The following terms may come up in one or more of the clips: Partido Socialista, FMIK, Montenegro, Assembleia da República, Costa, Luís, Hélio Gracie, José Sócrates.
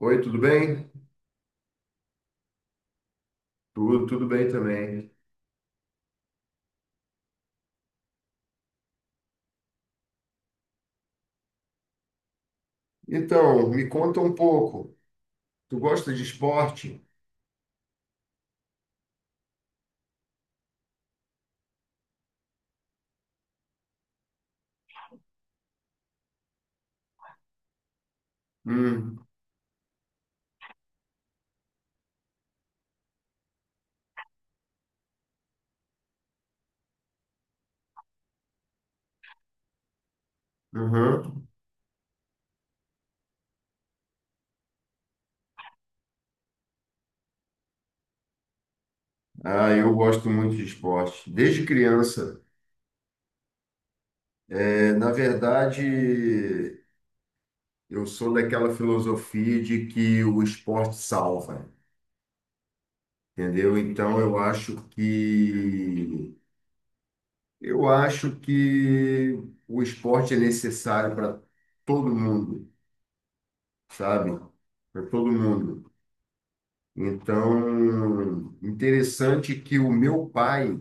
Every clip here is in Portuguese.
Oi, tudo bem? Tudo, tudo bem também. Então, me conta um pouco. Tu gosta de esporte? Hum, uhum. Ah, eu gosto muito de esporte. Desde criança. É, na verdade, eu sou daquela filosofia de que o esporte salva, entendeu? Então, eu acho que o esporte é necessário para todo mundo, sabe? Para todo mundo. Então, interessante que o meu pai,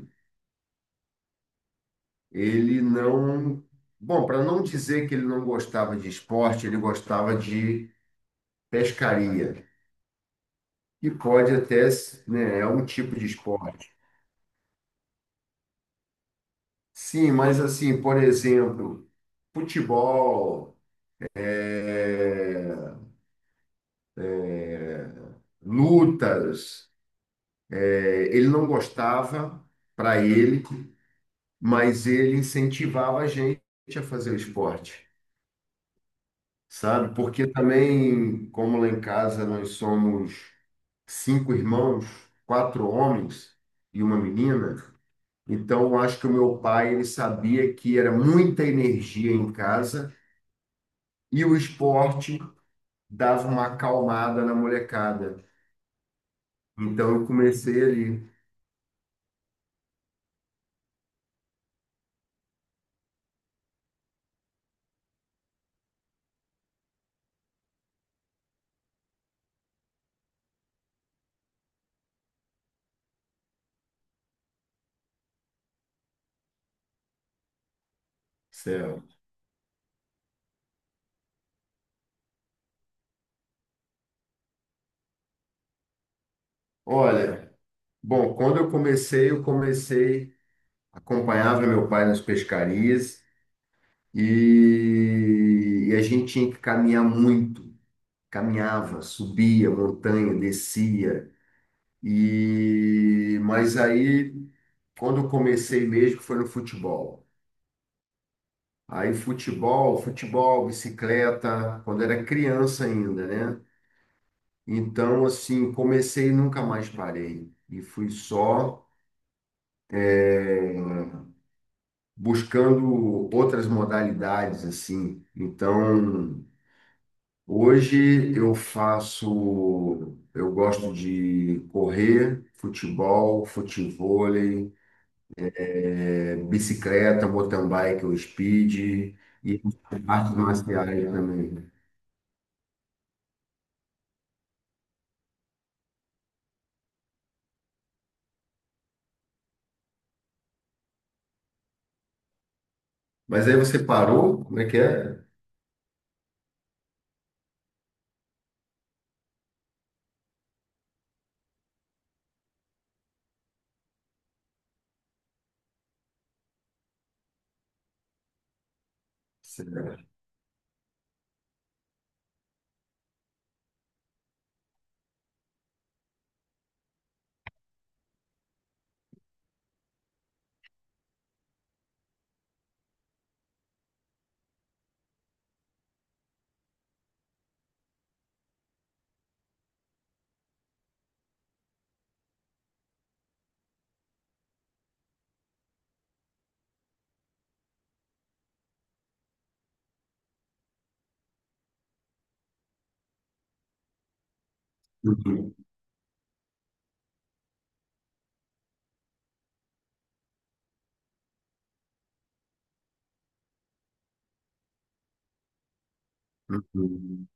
ele não, bom, para não dizer que ele não gostava de esporte, ele gostava de pescaria, que pode até, né, é um tipo de esporte. Sim, mas assim, por exemplo, futebol, é, lutas, ele não gostava para ele, mas ele incentivava a gente a fazer o esporte. Sabe? Porque também, como lá em casa nós somos cinco irmãos, quatro homens e uma menina, então eu acho que o meu pai ele sabia que era muita energia em casa e o esporte dava uma acalmada na molecada. Então eu comecei ali, céu. Olha, bom, quando eu comecei, acompanhava meu pai nas pescarias e a gente tinha que caminhar muito, caminhava, subia montanha, descia e mas aí quando eu comecei mesmo foi no futebol. Aí futebol, futebol, bicicleta, quando era criança ainda, né? Então assim, comecei e nunca mais parei e fui só eh, buscando outras modalidades assim. Então hoje eu faço, eu gosto de correr, futebol, futevôlei, bicicleta, mountain bike ou speed e artes marciais também. Mas aí você parou? Como é que é? Certo. Uhum, uhum,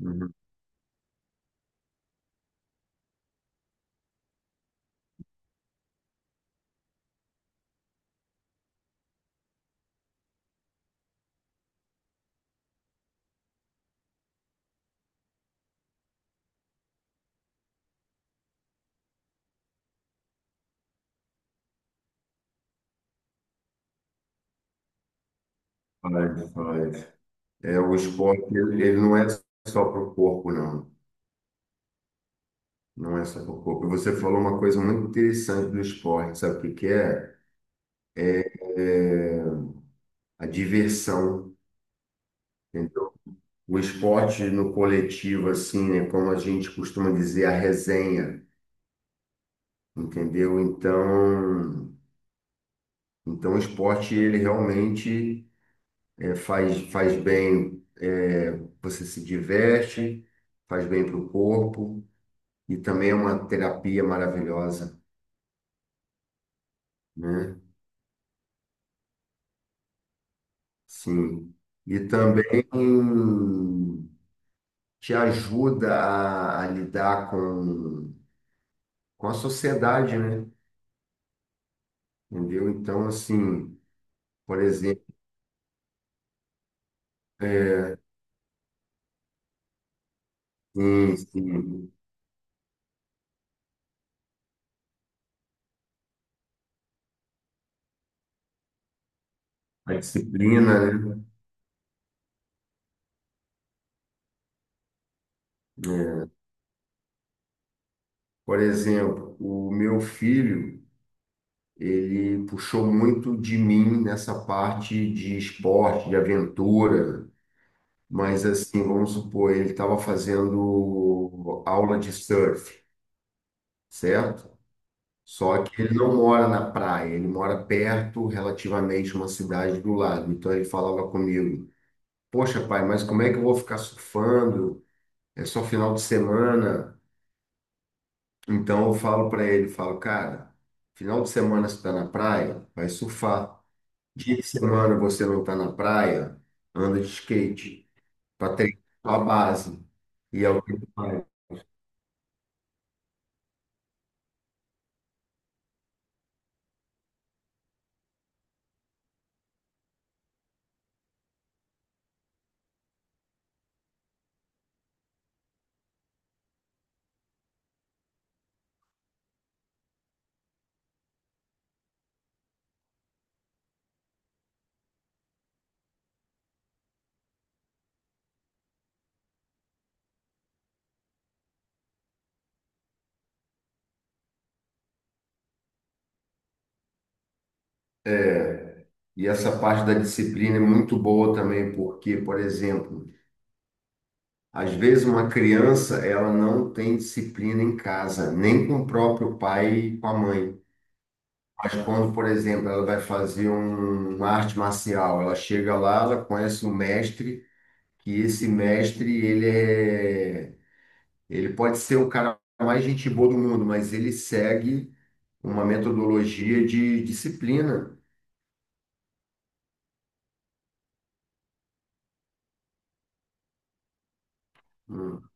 uhum. Faz, faz. É, o esporte, ele não é só para o corpo, não. Não é só para o corpo. Você falou uma coisa muito interessante do esporte, sabe o que que é? É a diversão. Entendeu? O esporte no coletivo, assim, né, como a gente costuma dizer, a resenha, entendeu? Então, o esporte, ele realmente faz, faz bem, você se diverte, faz bem para o corpo e também é uma terapia maravilhosa, né? Sim. E também te ajuda a lidar com a sociedade, né? Entendeu? Então, assim, por exemplo, sim, sim. A disciplina, né? É. Por exemplo, o meu filho, ele puxou muito de mim nessa parte de esporte, de aventura, mas assim, vamos supor, ele estava fazendo aula de surf, certo? Só que ele não mora na praia, ele mora perto, relativamente, uma cidade do lado. Então ele falava comigo: poxa, pai, mas como é que eu vou ficar surfando? É só final de semana. Então eu falo para ele, falo, cara, final de semana você está na praia, vai surfar. Dia de semana você não está na praia, anda de skate para treinar a base. E é o que ele faz. É, e essa parte da disciplina é muito boa também, porque, por exemplo, às vezes uma criança ela não tem disciplina em casa, nem com o próprio pai e com a mãe. Mas quando, por exemplo, ela vai fazer uma arte marcial, ela chega lá, ela conhece o mestre que esse mestre, ele pode ser o cara mais gente boa do mundo, mas ele segue uma metodologia de disciplina. Hum,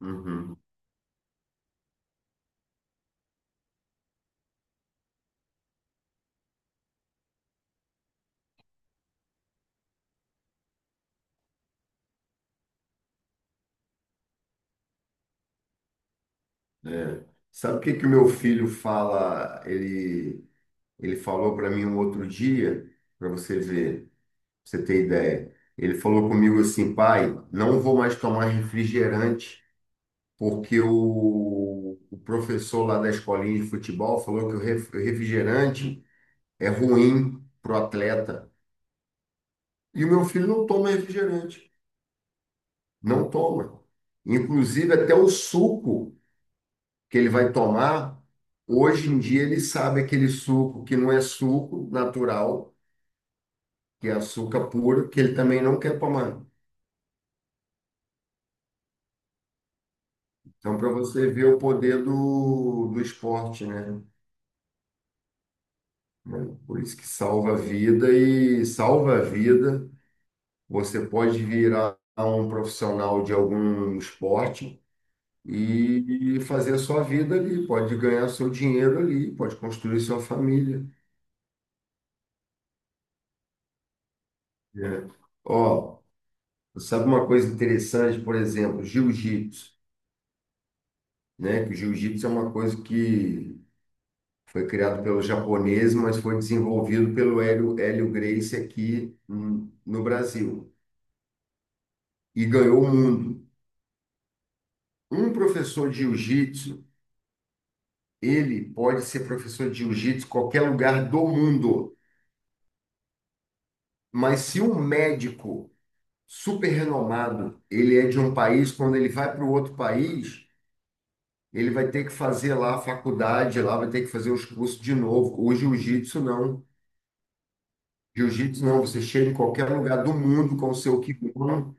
uhum. Sabe o que que o meu filho fala? Ele falou para mim um outro dia, para você ver, pra você ter ideia. Ele falou comigo assim, pai, não vou mais tomar refrigerante, porque o professor lá da escolinha de futebol falou que o refrigerante é ruim para o atleta. E o meu filho não toma refrigerante, não toma. Inclusive, até o suco que ele vai tomar, hoje em dia ele sabe aquele suco que não é suco natural, que é açúcar puro, que ele também não quer tomar. Então, para você ver o poder do esporte, né? Por isso que salva a vida e salva a vida. Você pode virar um profissional de algum esporte e fazer a sua vida ali, pode ganhar seu dinheiro ali, pode construir sua família, né? Ó, sabe uma coisa interessante, por exemplo, jiu-jitsu, né? Que o jiu-jitsu é uma coisa que foi criado pelo japonês, mas foi desenvolvido pelo Hélio Gracie aqui, no Brasil e ganhou o mundo. Um professor de jiu-jitsu, ele pode ser professor de jiu-jitsu em qualquer lugar do mundo, mas se um médico super renomado. Ele é de um país, quando ele vai para o outro país, ele vai ter que fazer lá a faculdade, lá vai ter que fazer os cursos de novo. O jiu-jitsu não. Jiu-jitsu não, você chega em qualquer lugar do mundo com o seu kimono,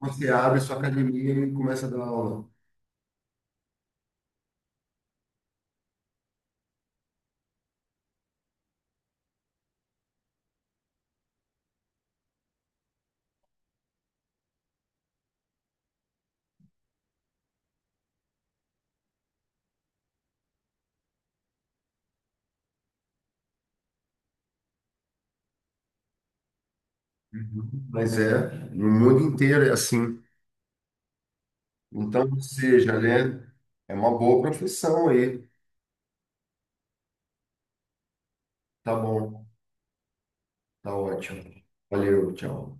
você abre sua academia e começa a dar aula. Uhum. Mas é, no mundo inteiro é assim. Então, ou seja, né? É uma boa profissão aí. Tá bom, tá ótimo. Valeu, tchau.